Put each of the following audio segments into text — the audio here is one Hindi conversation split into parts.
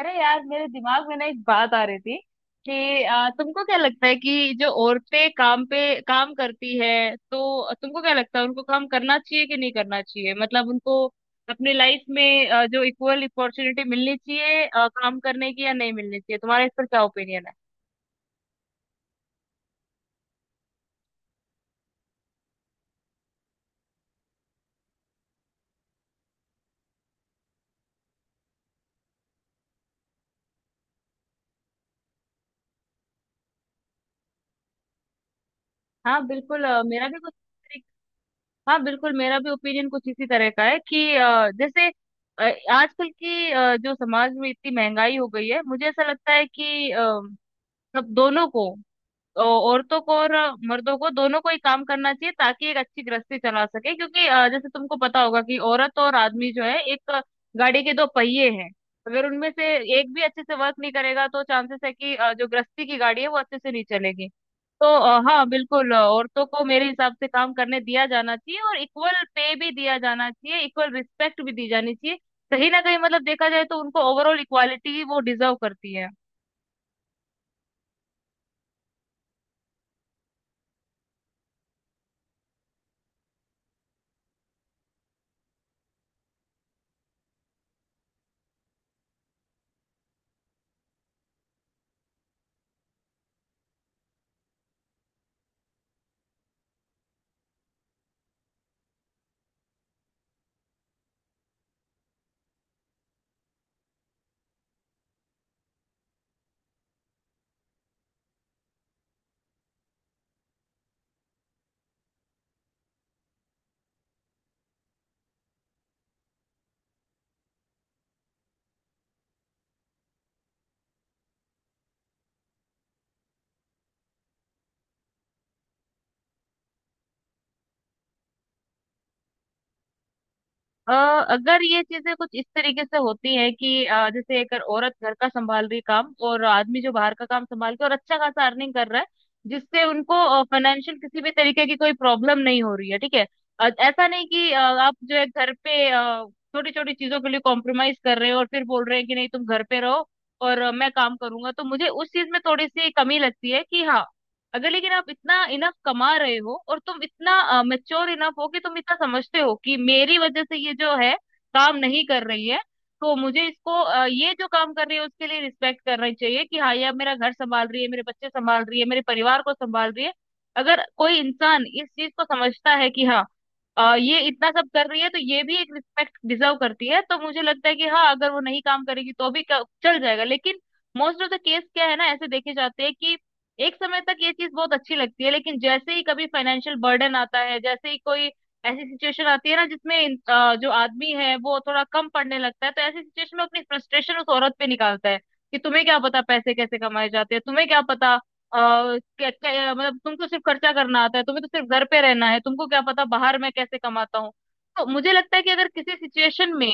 अरे यार, मेरे दिमाग में ना एक बात आ रही थी कि तुमको क्या लगता है कि जो औरतें काम पे काम करती है, तो तुमको क्या लगता है उनको काम करना चाहिए कि नहीं करना चाहिए? मतलब उनको अपनी लाइफ में जो इक्वल अपॉर्चुनिटी मिलनी चाहिए काम करने की, या नहीं मिलनी चाहिए, तुम्हारा इस पर क्या ओपिनियन है? हाँ बिल्कुल, मेरा भी कुछ। हाँ बिल्कुल, मेरा भी ओपिनियन कुछ इसी तरह का है कि जैसे अ, आजकल की जो समाज में इतनी महंगाई हो गई है, मुझे ऐसा लगता है कि सब दोनों को, औ- औरतों को और मर्दों को दोनों को ही काम करना चाहिए, ताकि एक अच्छी गृहस्थी चला सके। क्योंकि जैसे तुमको पता होगा कि औरत और आदमी जो है एक गाड़ी के दो पहिए हैं। अगर उनमें से एक भी अच्छे से वर्क नहीं करेगा तो चांसेस है कि जो गृहस्थी की गाड़ी है वो अच्छे से नहीं चलेगी। तो हाँ बिल्कुल, औरतों को मेरे हिसाब से काम करने दिया जाना चाहिए, और इक्वल पे भी दिया जाना चाहिए, इक्वल रिस्पेक्ट भी दी जानी चाहिए। कहीं ना कहीं मतलब देखा जाए तो उनको ओवरऑल इक्वालिटी वो डिजर्व करती है। अ, अगर ये चीजें कुछ इस तरीके से होती है कि जैसे एक औरत घर का संभाल रही, काम और आदमी जो बाहर का काम संभाल के और अच्छा खासा अर्निंग कर रहा है, जिससे उनको फाइनेंशियल किसी भी तरीके की कोई प्रॉब्लम नहीं हो रही है, ठीक है। ऐसा नहीं कि आप जो है घर पे छोटी छोटी चीजों के लिए कॉम्प्रोमाइज कर रहे हो, और फिर बोल रहे हैं कि नहीं, तुम घर पे रहो और मैं काम करूंगा, तो मुझे उस चीज में थोड़ी सी कमी लगती है कि हाँ, अगर लेकिन आप इतना इनफ कमा रहे हो, और तुम इतना मेच्योर इनफ हो कि तुम इतना समझते हो कि मेरी वजह से ये जो है काम नहीं कर रही है, तो मुझे इसको, ये जो काम कर रही है उसके लिए रिस्पेक्ट करना चाहिए कि हाँ, ये अब मेरा घर संभाल रही है, मेरे बच्चे संभाल रही है, मेरे परिवार को संभाल रही है। अगर कोई इंसान इस चीज को समझता है कि हाँ, ये इतना सब कर रही है, तो ये भी एक रिस्पेक्ट डिजर्व करती है, तो मुझे लगता है कि हाँ, अगर वो नहीं काम करेगी तो भी चल जाएगा। लेकिन मोस्ट ऑफ द केस क्या है ना, ऐसे देखे जाते हैं कि एक समय तक ये चीज बहुत अच्छी लगती है, लेकिन जैसे ही कभी फाइनेंशियल बर्डन आता है, जैसे ही कोई ऐसी सिचुएशन आती है ना जिसमें जो आदमी है वो थोड़ा कम पड़ने लगता है, तो ऐसी सिचुएशन में अपनी फ्रस्ट्रेशन उस औरत पे निकालता है कि तुम्हें क्या पता पैसे कैसे कमाए जाते हैं, तुम्हें क्या पता, अ, क्या, क्या, मतलब तुमको सिर्फ खर्चा करना आता है, तुम्हें तो सिर्फ घर पे रहना है, तुमको क्या पता बाहर मैं कैसे कमाता हूँ। तो मुझे लगता है कि अगर किसी सिचुएशन में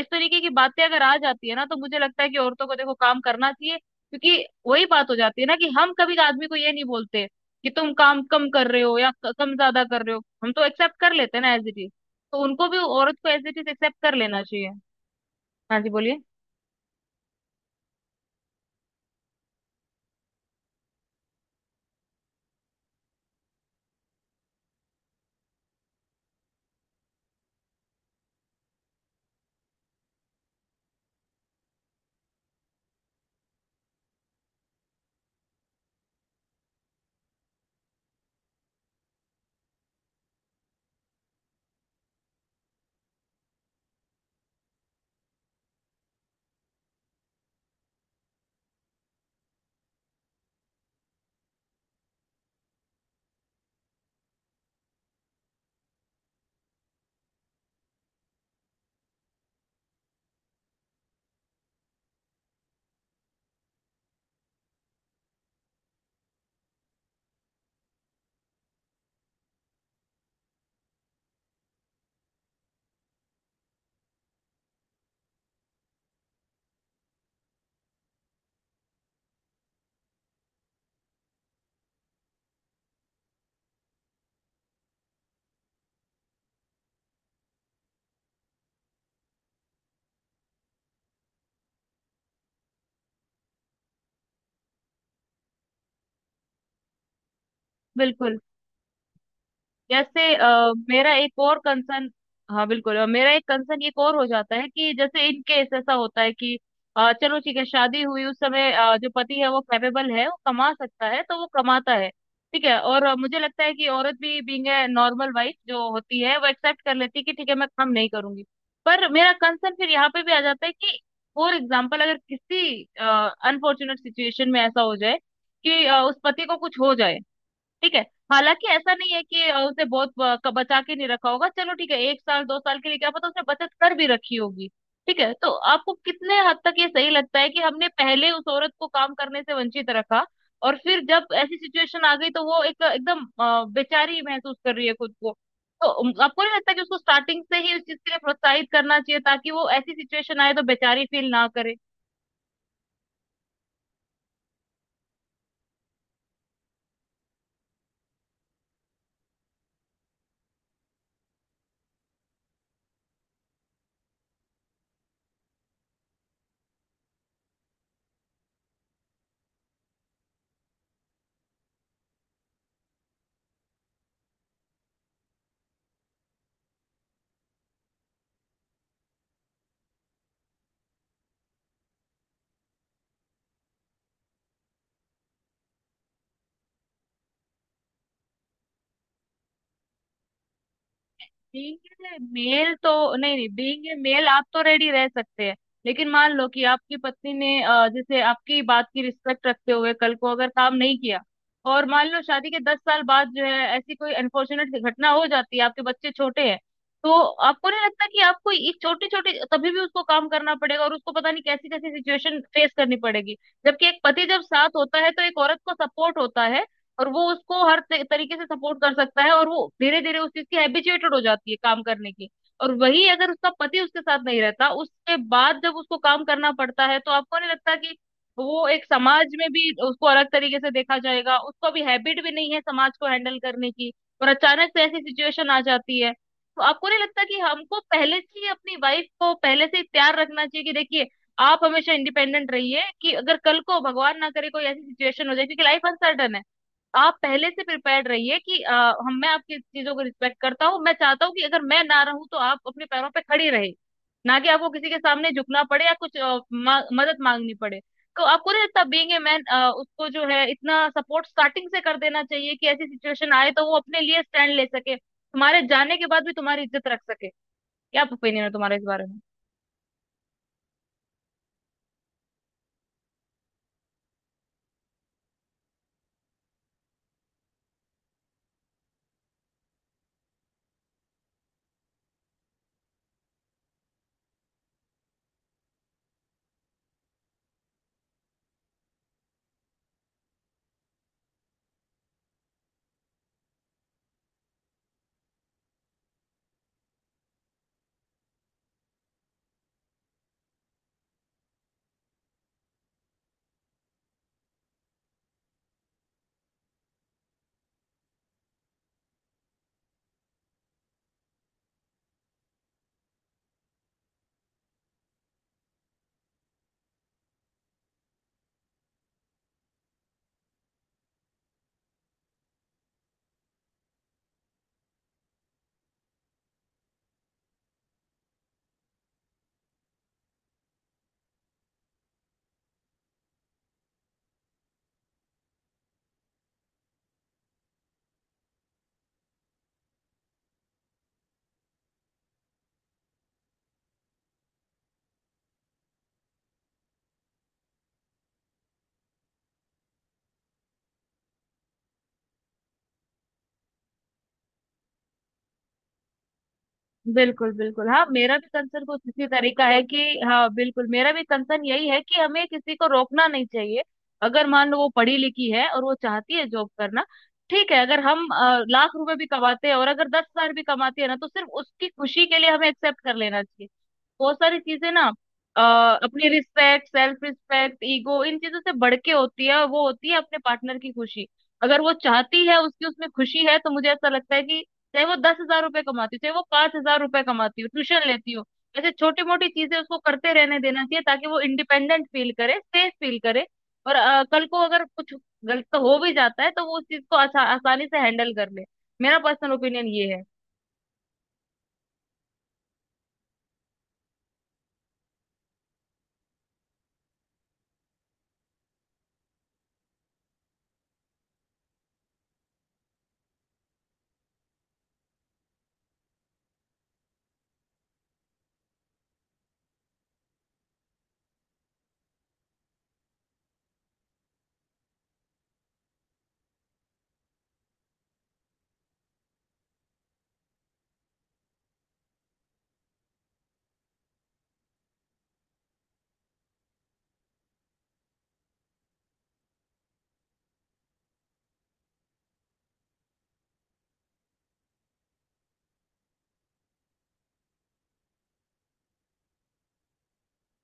इस तरीके की बातें अगर आ जाती है ना, तो मुझे लगता है कि औरतों को, देखो, काम करना चाहिए। क्योंकि वही बात हो जाती है ना कि हम कभी आदमी को ये नहीं बोलते कि तुम काम कम कर रहे हो, या कम ज्यादा कर रहे हो, हम तो एक्सेप्ट कर लेते हैं ना एज इट इज, तो उनको भी औरत को एज इट इज एक्सेप्ट कर लेना चाहिए। हाँ जी, बोलिए। बिल्कुल। जैसे मेरा एक और कंसर्न, हाँ बिल्कुल, मेरा एक कंसर्न एक और हो जाता है कि जैसे इन केस ऐसा होता है कि चलो ठीक है, शादी हुई उस समय जो पति है वो कैपेबल है, वो कमा सकता है, तो वो कमाता है, ठीक है। और मुझे लगता है कि औरत भी, बीइंग ए नॉर्मल वाइफ जो होती है, वो एक्सेप्ट कर लेती है कि ठीक है मैं कम नहीं करूंगी। पर मेरा कंसर्न फिर यहाँ पे भी आ जाता है कि फॉर एग्जाम्पल, अगर किसी अनफॉर्चुनेट सिचुएशन में ऐसा हो जाए कि उस पति को कुछ हो जाए, ठीक है। हालांकि ऐसा नहीं है कि उसे बहुत बचा के नहीं रखा होगा, चलो ठीक है, 1 साल 2 साल के लिए क्या पता उसने बचत कर भी रखी होगी, ठीक है। तो आपको कितने हद तक ये सही लगता है कि हमने पहले उस औरत को काम करने से वंचित रखा, और फिर जब ऐसी सिचुएशन आ गई तो वो एक एकदम बेचारी महसूस कर रही है खुद को? तो आपको नहीं लगता कि उसको स्टार्टिंग से ही उस चीज के लिए प्रोत्साहित करना चाहिए, ताकि वो ऐसी सिचुएशन आए तो बेचारी फील ना करे? बीइंग ए मेल तो, नहीं नहीं, बीइंग ए मेल आप तो रेडी रह सकते हैं, लेकिन मान लो कि आपकी पत्नी ने जैसे आपकी बात की रिस्पेक्ट रखते हुए कल को अगर काम नहीं किया, और मान लो शादी के 10 साल बाद जो है ऐसी कोई अनफॉर्चुनेट घटना हो जाती है, आपके बच्चे छोटे हैं, तो आपको नहीं लगता कि आपको एक छोटी छोटी, तभी भी उसको काम करना पड़ेगा और उसको पता नहीं कैसी कैसी सिचुएशन फेस करनी पड़ेगी? जबकि एक पति जब साथ होता है, तो एक औरत को सपोर्ट होता है, और वो उसको हर तरीके से सपोर्ट कर सकता है, और वो धीरे धीरे उस चीज की हैबिचुएटेड हो जाती है काम करने की। और वही अगर उसका पति उसके साथ नहीं रहता, उसके बाद जब उसको काम करना पड़ता है, तो आपको नहीं लगता कि वो एक, समाज में भी उसको अलग तरीके से देखा जाएगा? उसको अभी हैबिट भी नहीं है समाज को हैंडल करने की, और अचानक से ऐसी सिचुएशन आ जाती है। तो आपको नहीं लगता कि हमको पहले से ही अपनी वाइफ को पहले से ही तैयार रखना चाहिए कि देखिए, आप हमेशा इंडिपेंडेंट रहिए, कि अगर कल को भगवान ना करे कोई ऐसी सिचुएशन हो जाए, क्योंकि लाइफ अनसर्टन है, आप पहले से प्रिपेयर्ड रहिए कि हम मैं आपकी चीजों को रिस्पेक्ट करता हूँ, मैं चाहता हूँ कि अगर मैं ना रहूं तो आप अपने पैरों पे खड़ी रहे, ना कि आपको किसी के सामने झुकना पड़े या कुछ मदद मांगनी पड़े। तो आपको नहीं लगता, बीइंग ए मैन, उसको जो है इतना सपोर्ट स्टार्टिंग से कर देना चाहिए कि ऐसी सिचुएशन आए तो वो अपने लिए स्टैंड ले सके, तुम्हारे जाने के बाद भी तुम्हारी इज्जत रख सके? क्या ओपिनियन है तुम्हारा इस बारे में? बिल्कुल बिल्कुल, हाँ, मेरा भी कंसर्न कुछ इसी तरीका है कि, हाँ बिल्कुल, मेरा भी कंसर्न यही है कि हमें किसी को रोकना नहीं चाहिए। अगर मान लो वो पढ़ी लिखी है और वो चाहती है जॉब करना, ठीक है, अगर हम लाख रुपए भी कमाते हैं, और अगर 10,000 भी कमाते हैं ना, तो सिर्फ उसकी खुशी के लिए हमें एक्सेप्ट कर लेना चाहिए बहुत सारी चीजें ना। अ, अपनी रिस्पेक्ट, सेल्फ रिस्पेक्ट, ईगो, इन चीजों से बढ़ के होती है, और वो होती है अपने पार्टनर की खुशी। अगर वो चाहती है, उसकी उसमें खुशी है, तो मुझे ऐसा लगता है कि चाहे वो 10,000 रुपए कमाती हो, चाहे वो 5,000 रुपए कमाती हो, ट्यूशन लेती हो, ऐसे छोटी मोटी चीजें उसको करते रहने देना चाहिए, ताकि वो इंडिपेंडेंट फील करे, सेफ फील करे। और कल को अगर कुछ गलत हो भी जाता है, तो वो उस चीज को आसानी से हैंडल कर ले। मेरा पर्सनल ओपिनियन ये है।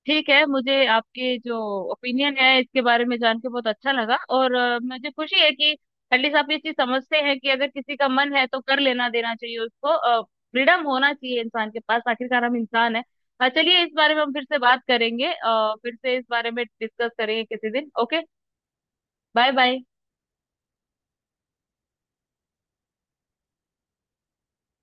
ठीक है, मुझे आपके जो ओपिनियन है इसके बारे में जान के बहुत अच्छा लगा, और मुझे खुशी है कि एटलीस्ट आप ये चीज समझते हैं कि अगर किसी का मन है तो कर लेना देना चाहिए, उसको फ्रीडम होना चाहिए इंसान के पास, आखिरकार हम इंसान है। चलिए, इस बारे में हम फिर से बात करेंगे, फिर से इस बारे में डिस्कस करेंगे किसी दिन, ओके। Bye bye.